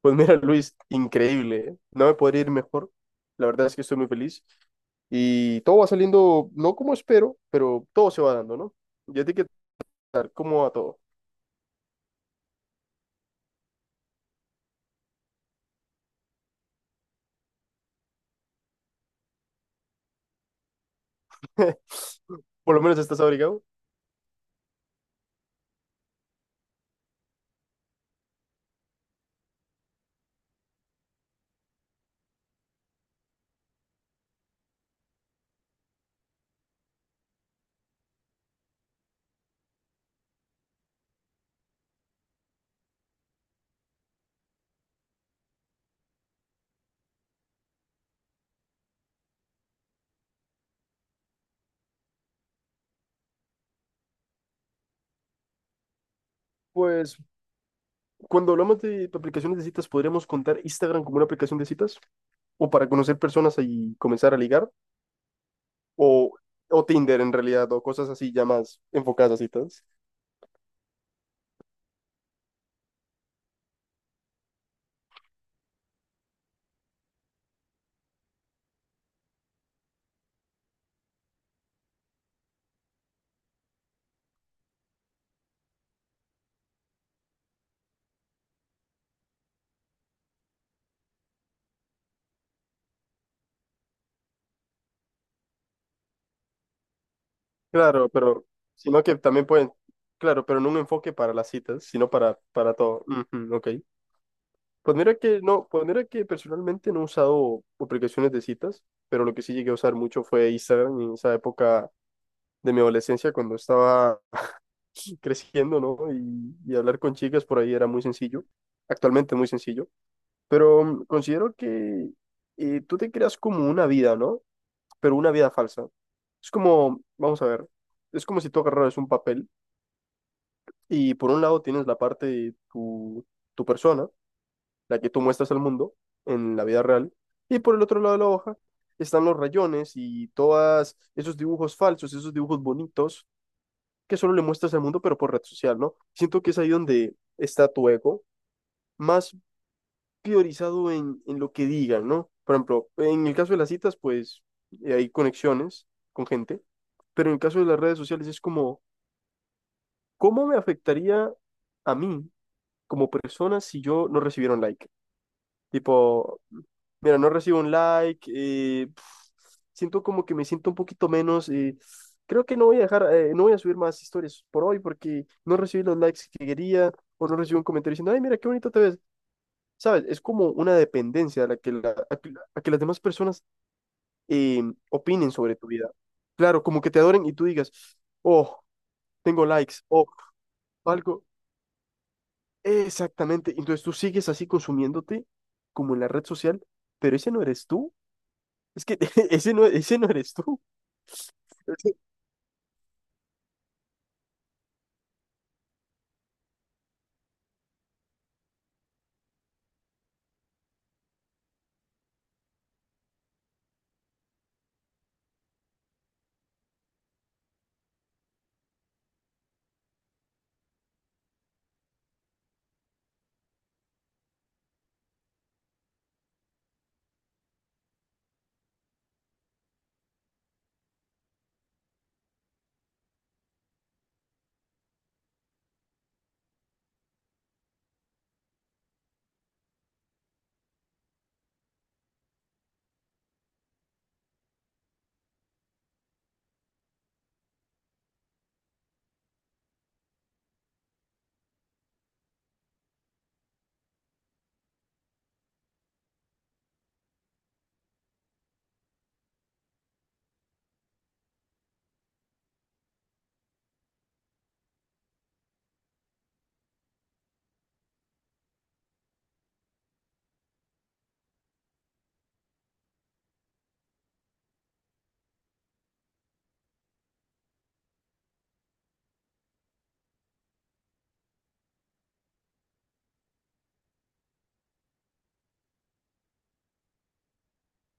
Pues mira, Luis, increíble. ¿Eh? No me podría ir mejor. La verdad es que estoy muy feliz. Y todo va saliendo, no como espero, pero todo se va dando, ¿no? Ya te que tal, ¿cómo va todo? Por lo menos estás abrigado. Pues cuando hablamos de aplicaciones de citas, podríamos contar Instagram como una aplicación de citas, o para conocer personas y comenzar a ligar, o, o Tinder en realidad, o cosas así ya más enfocadas a citas. Claro, pero sí. Sino que también pueden, claro, pero no un enfoque para las citas, sino para todo. Ujú, ok. Pues mira que no, pues mira que personalmente no he usado aplicaciones de citas, pero lo que sí llegué a usar mucho fue Instagram en esa época de mi adolescencia cuando estaba creciendo, ¿no? Y hablar con chicas por ahí era muy sencillo. Actualmente es muy sencillo, pero considero que tú te creas como una vida, ¿no? Pero una vida falsa. Es como, vamos a ver, es como si tú agarraras un papel, y por un lado tienes la parte de tu persona, la que tú muestras al mundo en la vida real, y por el otro lado de la hoja están los rayones y todos esos dibujos falsos, esos dibujos bonitos que solo le muestras al mundo, pero por red social, ¿no? Siento que es ahí donde está tu ego, más priorizado en lo que digan, ¿no? Por ejemplo, en el caso de las citas, pues hay conexiones con gente, pero en el caso de las redes sociales es como, ¿cómo me afectaría a mí como persona si yo no recibiera un like? Tipo, mira, no recibo un like, siento como que me siento un poquito menos. Creo que no voy a dejar, no voy a subir más historias por hoy porque no recibí los likes que quería o no recibí un comentario diciendo, ay, mira, qué bonito te ves. ¿Sabes? Es como una dependencia a la que, a que, a que las demás personas eh, opinen sobre tu vida. Claro, como que te adoren y tú digas, oh, tengo likes, oh, algo. Exactamente. Entonces tú sigues así consumiéndote como en la red social, pero ese no eres tú. Es que ese no eres tú.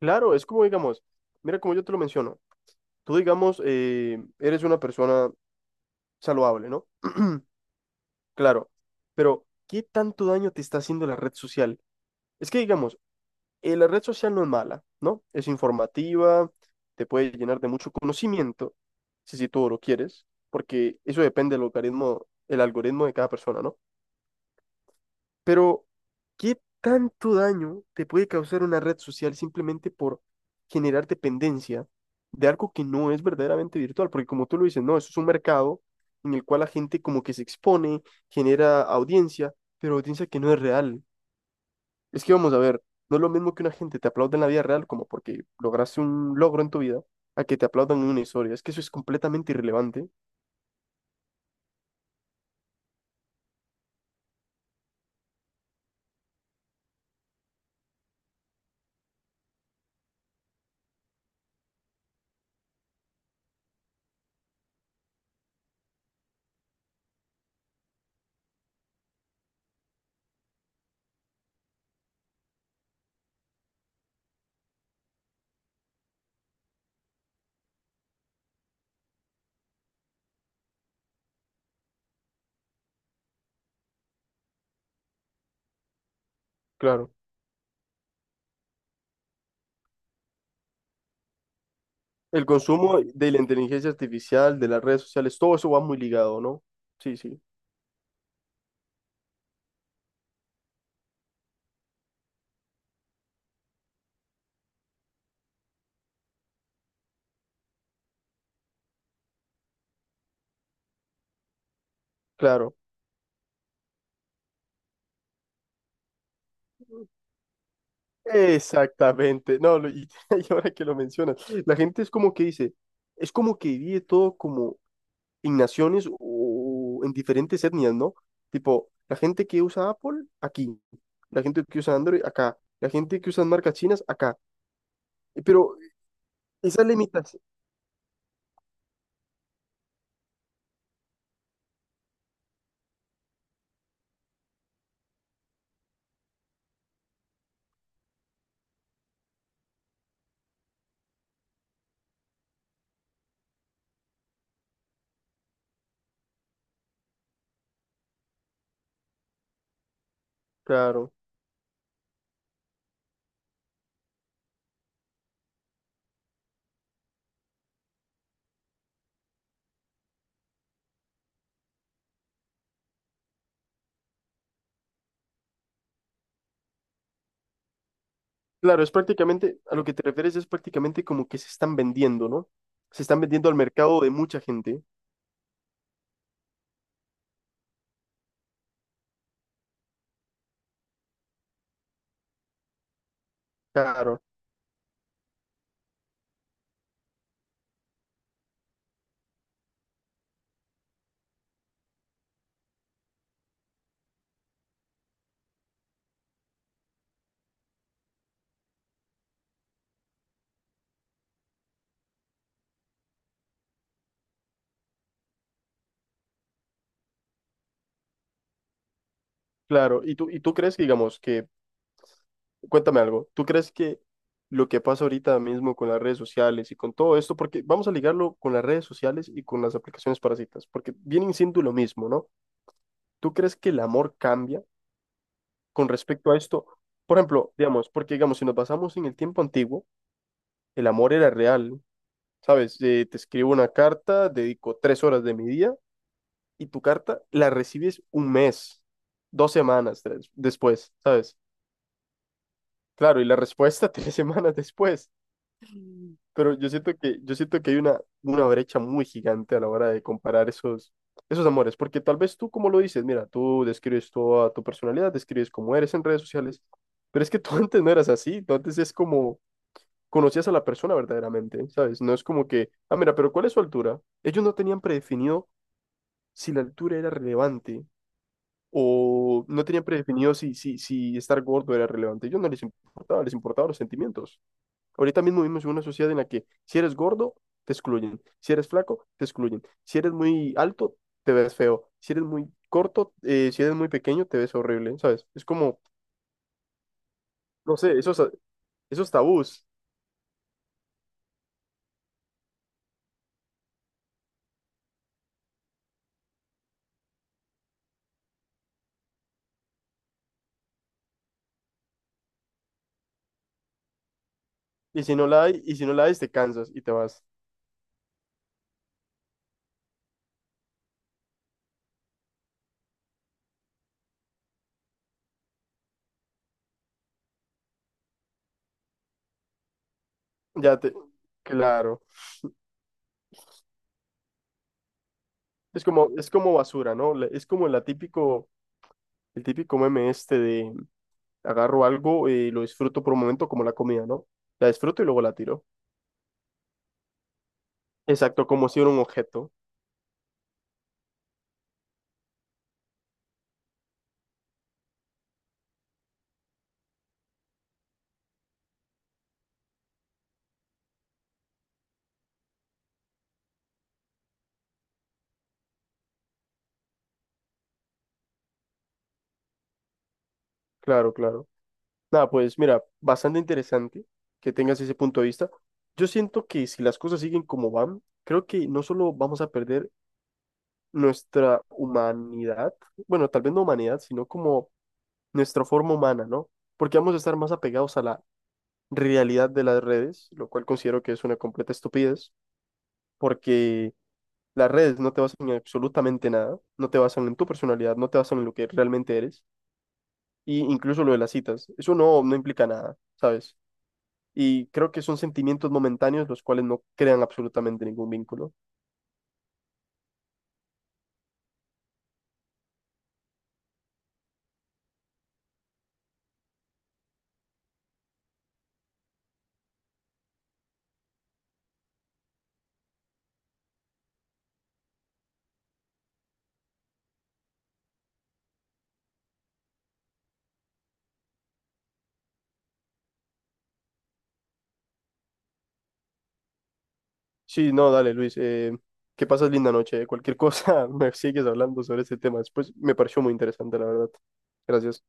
Claro, es como digamos, mira como yo te lo menciono. Tú digamos, eres una persona saludable, ¿no? Claro, pero ¿qué tanto daño te está haciendo la red social? Es que digamos, la red social no es mala, ¿no? Es informativa, te puede llenar de mucho conocimiento, si, si tú lo quieres, porque eso depende del algoritmo, el algoritmo de cada persona, ¿no? Pero, ¿qué tanto daño te puede causar una red social simplemente por generar dependencia de algo que no es verdaderamente virtual? Porque como tú lo dices, no, eso es un mercado en el cual la gente como que se expone, genera audiencia, pero audiencia que no es real. Es que vamos a ver, no es lo mismo que una gente te aplaude en la vida real como porque lograste un logro en tu vida, a que te aplaudan en una historia. Es que eso es completamente irrelevante. Claro. El consumo de la inteligencia artificial, de las redes sociales, todo eso va muy ligado, ¿no? Sí, sí. Claro, exactamente. No, y ahora que lo mencionas, la gente es como que dice, es como que vive todo como en naciones o en diferentes etnias, ¿no? Tipo, la gente que usa Apple, aquí. La gente que usa Android, acá. La gente que usa marcas chinas, acá. Pero esas limitación, claro, claro, es prácticamente, a lo que te refieres es prácticamente como que se están vendiendo, ¿no? Se están vendiendo al mercado de mucha gente. Claro. Claro, y tú crees que, digamos, que, cuéntame algo, ¿tú crees que lo que pasa ahorita mismo con las redes sociales y con todo esto, porque vamos a ligarlo con las redes sociales y con las aplicaciones para citas, porque vienen siendo lo mismo, ¿no? ¿Tú crees que el amor cambia con respecto a esto? Por ejemplo, digamos, porque digamos, si nos basamos en el tiempo antiguo, el amor era real, ¿no? ¿Sabes? Te escribo una carta, dedico 3 horas de mi día y tu carta la recibes un mes, después, ¿sabes? Claro, y la respuesta tres semanas después. Pero yo siento que hay una brecha muy gigante a la hora de comparar esos, esos amores, porque tal vez tú, como lo dices, mira, tú describes toda tu personalidad, describes cómo eres en redes sociales, pero es que tú antes no eras así, tú antes es como conocías a la persona verdaderamente, ¿sabes? No es como que, ah, mira, pero ¿cuál es su altura? Ellos no tenían predefinido si la altura era relevante o no tenían predefinido si, si estar gordo era relevante. Ellos no les importaba, les importaban los sentimientos. Ahorita mismo vivimos en una sociedad en la que si eres gordo, te excluyen. Si eres flaco, te excluyen. Si eres muy alto, te ves feo. Si eres muy corto, si eres muy pequeño, te ves horrible, ¿sabes? Es como, no sé, esos, esos tabús. Y si no la hay, te cansas y te vas. Ya te, claro. Es como basura, ¿no? Es como la típico, el típico meme este de agarro algo y lo disfruto por un momento como la comida, ¿no? La disfruto y luego la tiro. Exacto, como si fuera un objeto. Claro, claro. Nada, pues mira, bastante interesante que tengas ese punto de vista. Yo siento que si las cosas siguen como van, creo que no solo vamos a perder nuestra humanidad, bueno, tal vez no humanidad, sino como nuestra forma humana, ¿no? Porque vamos a estar más apegados a la realidad de las redes, lo cual considero que es una completa estupidez, porque las redes no te basan en absolutamente nada, no te basan en tu personalidad, no te basan en lo que realmente eres, y incluso lo de las citas, eso no, no implica nada, ¿sabes? Y creo que son sentimientos momentáneos los cuales no crean absolutamente ningún vínculo. Sí, no, dale, Luis. Que pases linda noche. Cualquier cosa, me sigues hablando sobre este tema después. Me pareció muy interesante, la verdad. Gracias.